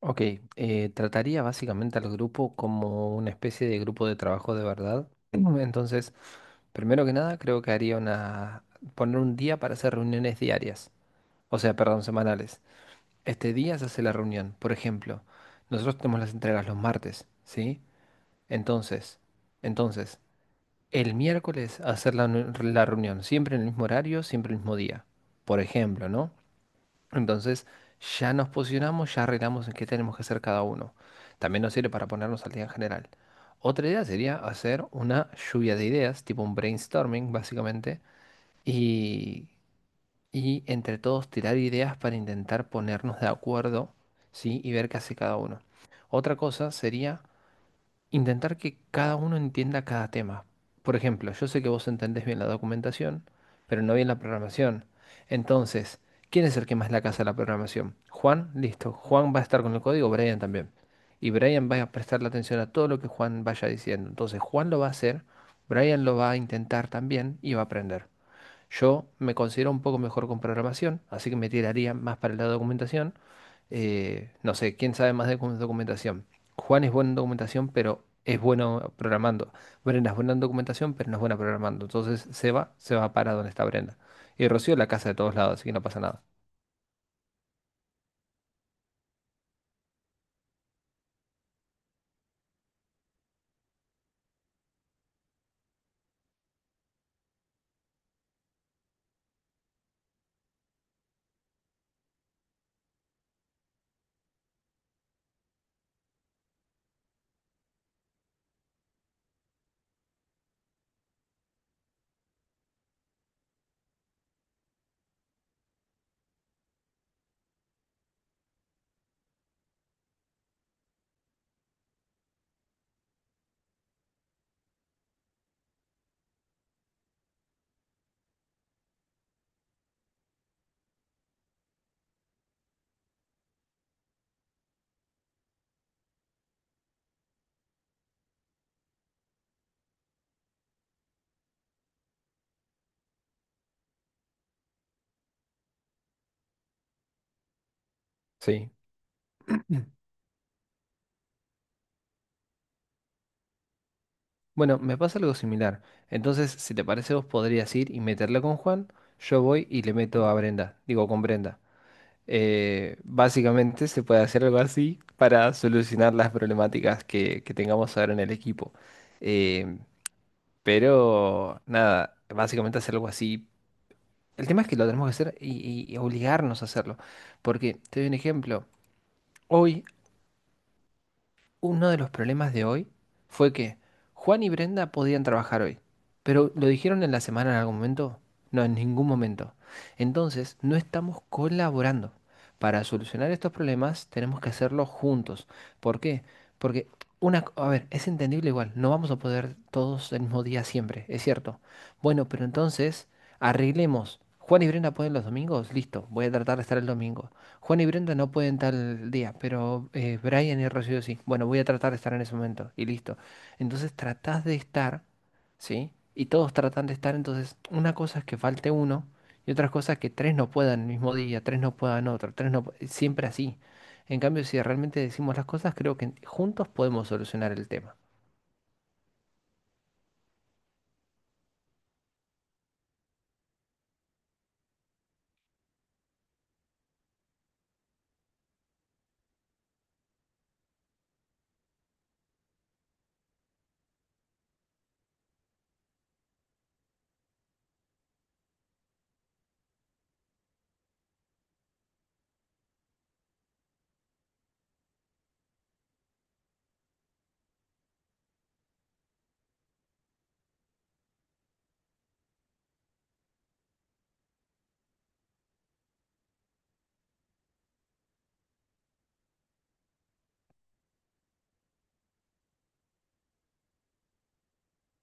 Ok, trataría básicamente al grupo como una especie de grupo de trabajo de verdad. Entonces, primero que nada, creo que haría una... poner un día para hacer reuniones diarias, o sea, perdón, semanales. Este día se hace la reunión. Por ejemplo, nosotros tenemos las entregas los martes, ¿sí? Entonces, entonces, el miércoles hacer la reunión, siempre en el mismo horario, siempre el mismo día. Por ejemplo, ¿no? Entonces, ya nos posicionamos, ya arreglamos en qué tenemos que hacer cada uno. También nos sirve para ponernos al día en general. Otra idea sería hacer una lluvia de ideas, tipo un brainstorming, básicamente, y, y entre todos tirar ideas para intentar ponernos de acuerdo, ¿sí? Y ver qué hace cada uno. Otra cosa sería intentar que cada uno entienda cada tema. Por ejemplo, yo sé que vos entendés bien la documentación, pero no bien la programación. Entonces, ¿quién es el que más la casa de la programación? Juan, listo. Juan va a estar con el código, Brian también. Y Brian va a prestarle atención a todo lo que Juan vaya diciendo. Entonces, Juan lo va a hacer, Brian lo va a intentar también y va a aprender. Yo me considero un poco mejor con programación, así que me tiraría más para el lado de documentación. No sé, ¿quién sabe más de documentación? Juan es bueno en documentación, pero es bueno programando. Brenda es buena en documentación, pero no es buena programando. Entonces se va para donde está Brenda. Y Rocío la casa de todos lados, así que no pasa nada. Sí. Mm. Bueno, me pasa algo similar. Entonces, si te parece, vos podrías ir y meterla con Juan. Yo voy y le meto a Brenda. Digo, con Brenda. Básicamente se puede hacer algo así para solucionar las problemáticas que tengamos ahora en el equipo. Eh, pero nada, básicamente hacer algo así. El tema es que lo tenemos que hacer y obligarnos a hacerlo. Porque te doy un ejemplo. Hoy Uno de los problemas de hoy fue que Juan y Brenda podían trabajar hoy, pero ¿lo dijeron en la semana en algún momento? No, en ningún momento. Entonces, no estamos colaborando. Para solucionar estos problemas tenemos que hacerlo juntos. ¿Por qué? Porque a ver, es entendible igual, no vamos a poder todos el mismo día siempre, es cierto. Bueno, pero entonces arreglemos. Juan y Brenda pueden los domingos, listo, voy a tratar de estar el domingo. Juan y Brenda no pueden tal día, pero Brian y Rocío sí. Bueno, voy a tratar de estar en ese momento y listo. Entonces tratás de estar, ¿sí? Y todos tratan de estar, entonces una cosa es que falte uno y otra cosa es que tres no puedan el mismo día, tres no puedan otro, tres no... pu- siempre así. En cambio, si realmente decimos las cosas, creo que juntos podemos solucionar el tema.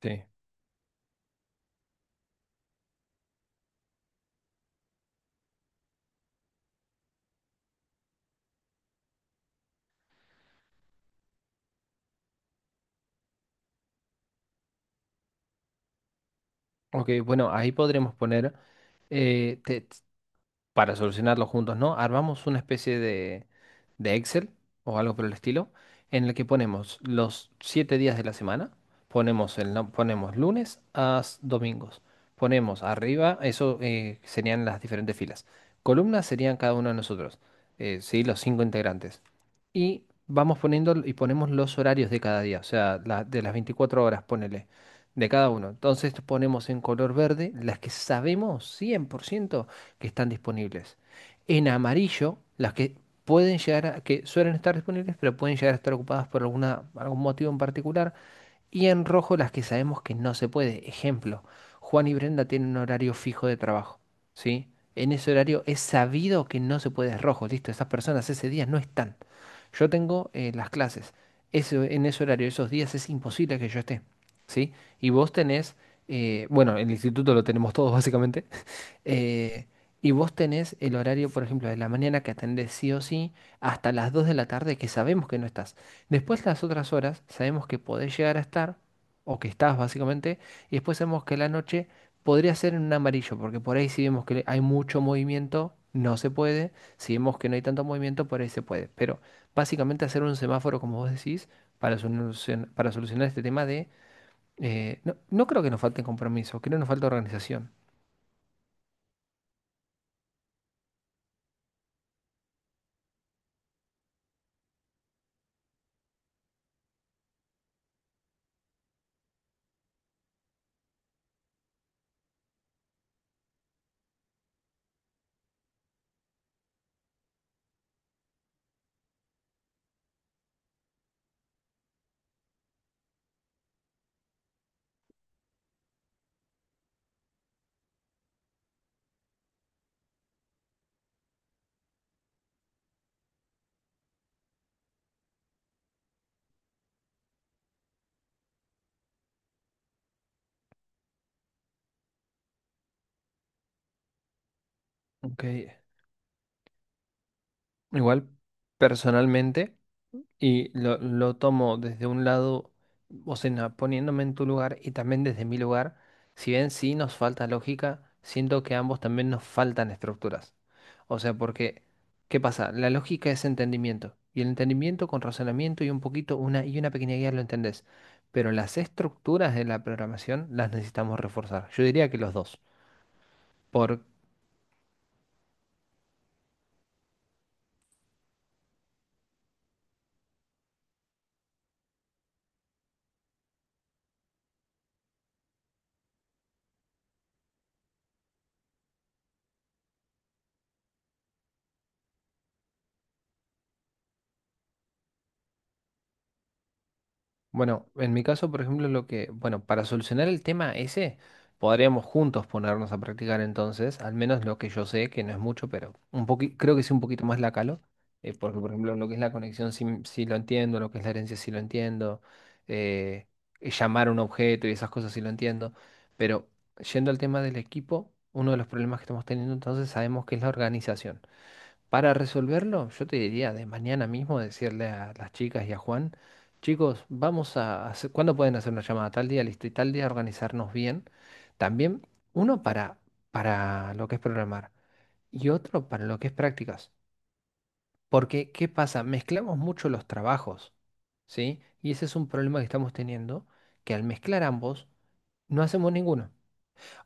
Sí. Ok, bueno, ahí podremos poner... eh, te- para solucionarlo juntos, ¿no? Armamos una especie de Excel o algo por el estilo, en el que ponemos los 7 días de la semana, ponemos, el, no- ponemos lunes a domingos, ponemos arriba, eso serían las diferentes filas. Columnas serían cada uno de nosotros, ¿sí? Los 5 integrantes. Y vamos poniendo y ponemos los horarios de cada día, o sea, de las 24 horas, ponele, de cada uno. Entonces ponemos en color verde las que sabemos 100% que están disponibles. En amarillo, las que pueden llegar a, que suelen estar disponibles, pero pueden llegar a estar ocupadas por algún motivo en particular. Y en rojo, las que sabemos que no se puede. Ejemplo, Juan y Brenda tienen un horario fijo de trabajo, ¿sí? En ese horario es sabido que no se puede, es rojo, listo, esas personas ese día no están. Yo tengo las clases, en ese horario, esos días es imposible que yo esté, ¿sí? Y vos tenés, bueno, el instituto lo tenemos todos básicamente, eh, y vos tenés el horario, por ejemplo, de la mañana que atendés sí o sí, hasta las 2 de la tarde que sabemos que no estás. Después las otras horas sabemos que podés llegar a estar, o que estás básicamente, y después sabemos que la noche podría ser en un amarillo, porque por ahí si vemos que hay mucho movimiento, no se puede. Si vemos que no hay tanto movimiento, por ahí se puede. Pero básicamente hacer un semáforo, como vos decís, para para solucionar este tema de... no creo que nos falte compromiso, creo que nos falta organización. Ok. Igual, personalmente, y lo tomo desde un lado, o sea, poniéndome en tu lugar y también desde mi lugar, si bien sí nos falta lógica, siento que a ambos también nos faltan estructuras. O sea, porque, ¿qué pasa? La lógica es entendimiento, y el entendimiento con razonamiento y un poquito, una y una pequeña guía lo entendés, pero las estructuras de la programación las necesitamos reforzar. Yo diría que los dos. Bueno, en mi caso, por ejemplo, lo que, bueno, para solucionar el tema ese, podríamos juntos ponernos a practicar entonces, al menos lo que yo sé, que no es mucho, pero creo que sí un poquito más la calo, porque por ejemplo lo que es la conexión sí, sí lo entiendo, lo que es la herencia sí lo entiendo, eh, y llamar a un objeto y esas cosas sí lo entiendo, pero yendo al tema del equipo, uno de los problemas que estamos teniendo entonces sabemos que es la organización. Para resolverlo, yo te diría de mañana mismo decirle a las chicas y a Juan, chicos, vamos a hacer, ¿cuándo pueden hacer una llamada? Tal día, listo, y tal día organizarnos bien. También uno para lo que es programar y otro para lo que es prácticas. Porque, ¿qué pasa? Mezclamos mucho los trabajos, ¿sí? Y ese es un problema que estamos teniendo, que al mezclar ambos, no hacemos ninguno.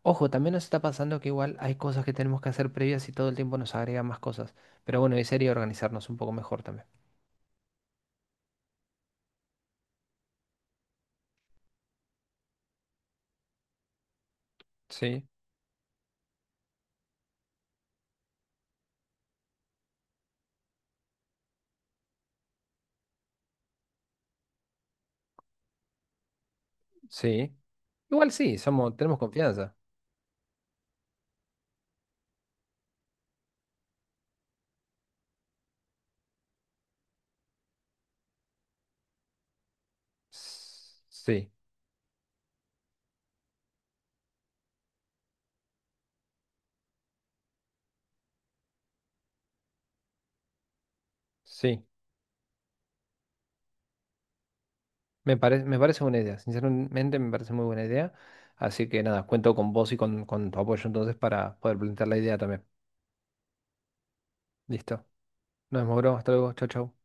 Ojo, también nos está pasando que igual hay cosas que tenemos que hacer previas y todo el tiempo nos agregan más cosas. Pero bueno, y sería organizarnos un poco mejor también. Sí, sí. Igual sí, somos, tenemos confianza. S- Sí, sí. Me parece buena idea. Sinceramente me parece muy buena idea. Así que nada, cuento con vos y con tu apoyo entonces para poder plantear la idea también. Listo. Nos vemos, bro. Hasta luego. Chau, chau.